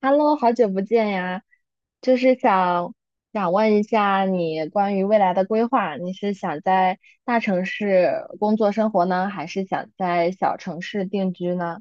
Hello，好久不见呀，就是想问一下你关于未来的规划，你是想在大城市工作生活呢，还是想在小城市定居呢？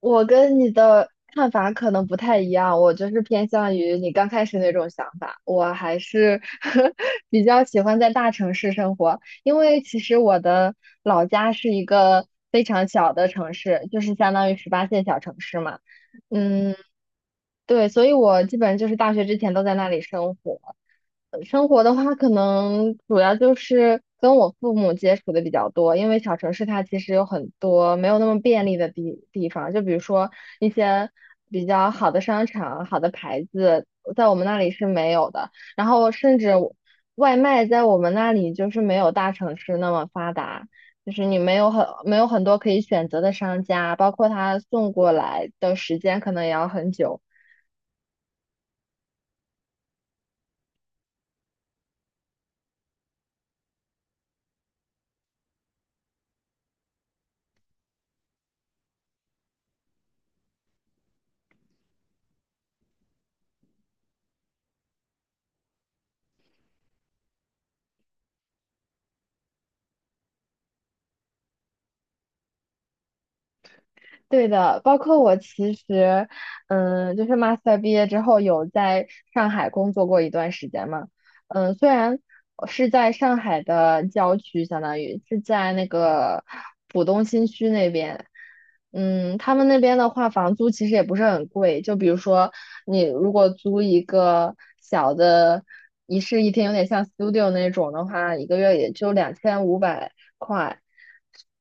我跟你的看法可能不太一样，我就是偏向于你刚开始那种想法，我还是 比较喜欢在大城市生活，因为其实我的老家是一个非常小的城市，就是相当于十八线小城市嘛，嗯，对，所以我基本就是大学之前都在那里生活。生活的话，可能主要就是跟我父母接触的比较多，因为小城市它其实有很多没有那么便利的地方，就比如说一些比较好的商场、好的牌子，在我们那里是没有的。然后甚至我外卖在我们那里就是没有大城市那么发达，就是你没有很多可以选择的商家，包括他送过来的时间可能也要很久。对的，包括我其实，嗯，就是 master 毕业之后有在上海工作过一段时间嘛，嗯，虽然是在上海的郊区，相当于是在那个浦东新区那边，嗯，他们那边的话，房租其实也不是很贵，就比如说你如果租一个小的一室一厅，有点像 studio 那种的话，一个月也就2500块。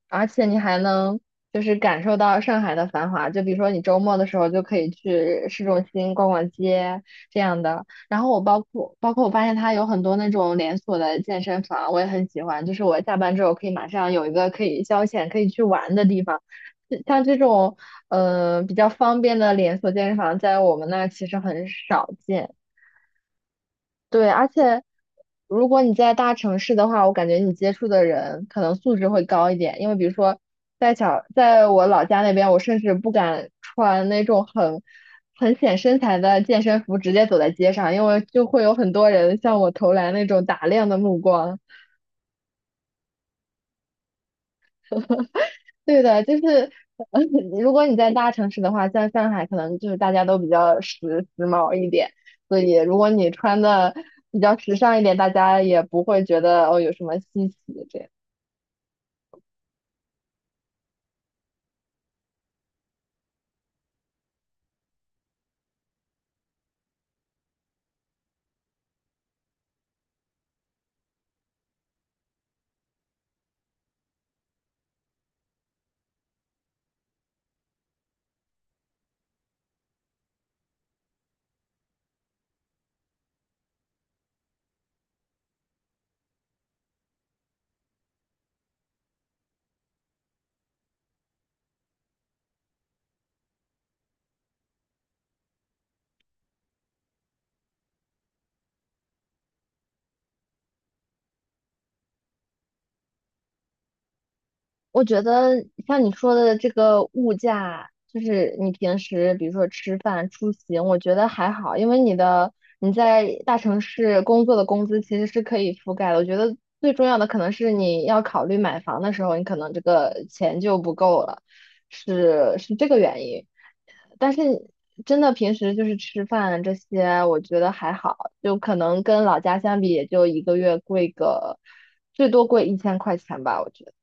而且你还能就是感受到上海的繁华，就比如说你周末的时候就可以去市中心逛逛街这样的。然后我包括我发现它有很多那种连锁的健身房，我也很喜欢。就是我下班之后可以马上有一个可以消遣、可以去玩的地方。像这种比较方便的连锁健身房，在我们那儿其实很少见。对，而且如果你在大城市的话，我感觉你接触的人可能素质会高一点，因为比如说在我老家那边，我甚至不敢穿那种很显身材的健身服直接走在街上，因为就会有很多人向我投来那种打量的目光。对的，就是，呃如果你在大城市的话，像上海，可能就是大家都比较时髦一点，所以如果你穿的比较时尚一点，大家也不会觉得哦有什么稀奇这样。我觉得像你说的这个物价，就是你平时比如说吃饭、出行，我觉得还好，因为你在大城市工作的工资其实是可以覆盖的。我觉得最重要的可能是你要考虑买房的时候，你可能这个钱就不够了，是这个原因。但是真的平时就是吃饭这些，我觉得还好，就可能跟老家相比，也就一个月贵个最多贵1000块钱吧，我觉得。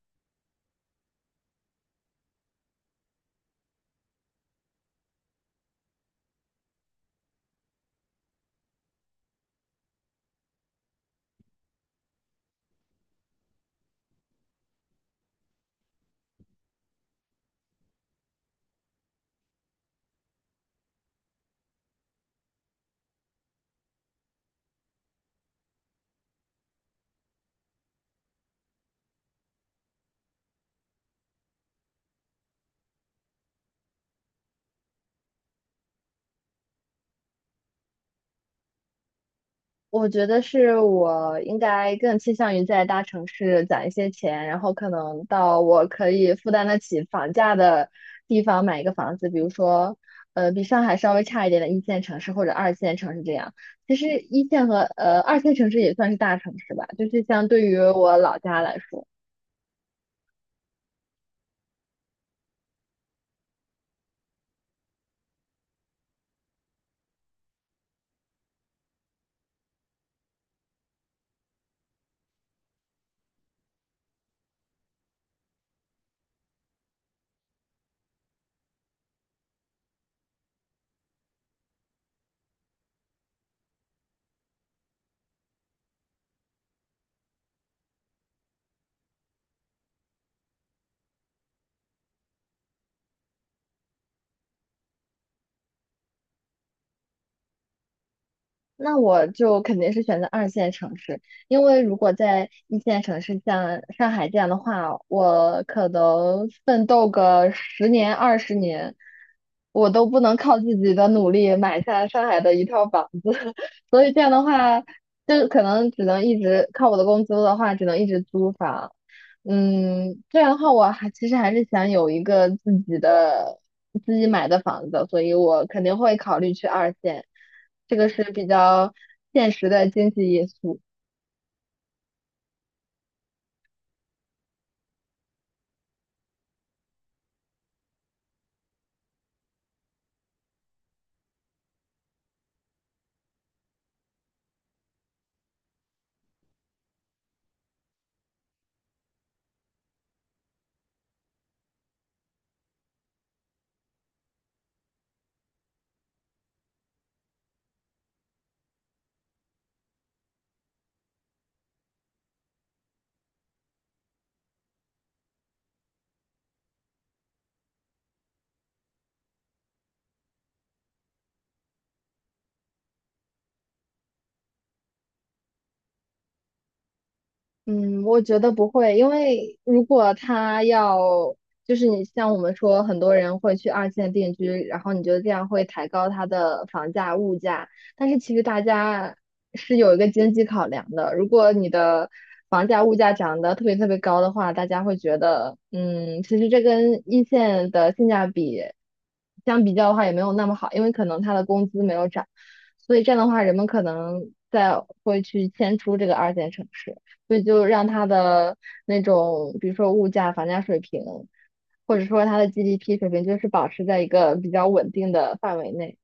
我觉得是我应该更倾向于在大城市攒一些钱，然后可能到我可以负担得起房价的地方买一个房子，比如说，比上海稍微差一点的一线城市或者二线城市这样。其实一线和二线城市也算是大城市吧，就是相对于我老家来说。那我就肯定是选择二线城市，因为如果在一线城市像上海这样的话，我可能奋斗个10年20年，我都不能靠自己的努力买下上海的一套房子，所以这样的话，就可能只能一直靠我的工资的话，只能一直租房。嗯，这样的话，我还其实还是想有一个自己买的房子，所以我肯定会考虑去二线，这个是比较现实的经济因素。嗯，我觉得不会，因为如果他要，就是你像我们说，很多人会去二线定居，然后你觉得这样会抬高他的房价、物价，但是其实大家是有一个经济考量的。如果你的房价、物价涨得特别特别高的话，大家会觉得，嗯，其实这跟一线的性价比相比较的话，也没有那么好，因为可能他的工资没有涨，所以这样的话，人们可能会去迁出这个二线城市。所以就让它的那种，比如说物价、房价水平，或者说它的 GDP 水平，就是保持在一个比较稳定的范围内。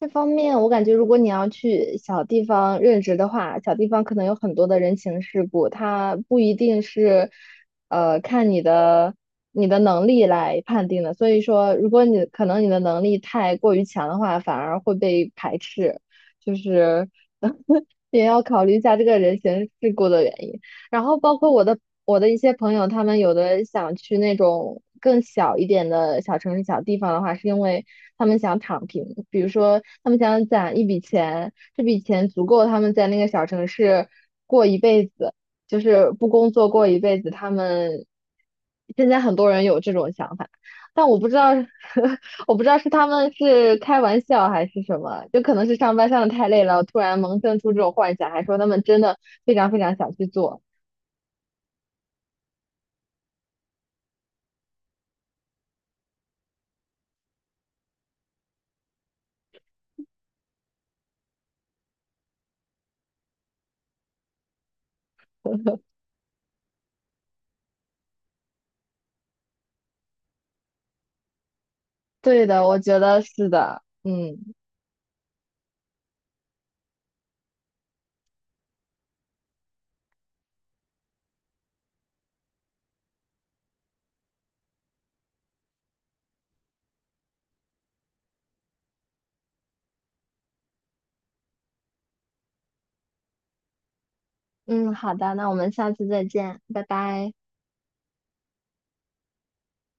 这方面，我感觉如果你要去小地方任职的话，小地方可能有很多的人情世故，它不一定是，看你的能力来判定的。所以说，如果你可能你的能力太过于强的话，反而会被排斥，就是 也要考虑一下这个人情世故的原因。然后包括我的一些朋友，他们有的想去那种更小一点的小城市、小地方的话，是因为他们想躺平，比如说他们想攒一笔钱，这笔钱足够他们在那个小城市过一辈子，就是不工作过一辈子。他们现在很多人有这种想法，但我不知道，我不知道是他们是开玩笑还是什么，就可能是上班上的太累了，突然萌生出这种幻想，还说他们真的非常非常想去做。对的，我觉得是的。嗯嗯，好的，那我们下次再见，拜拜。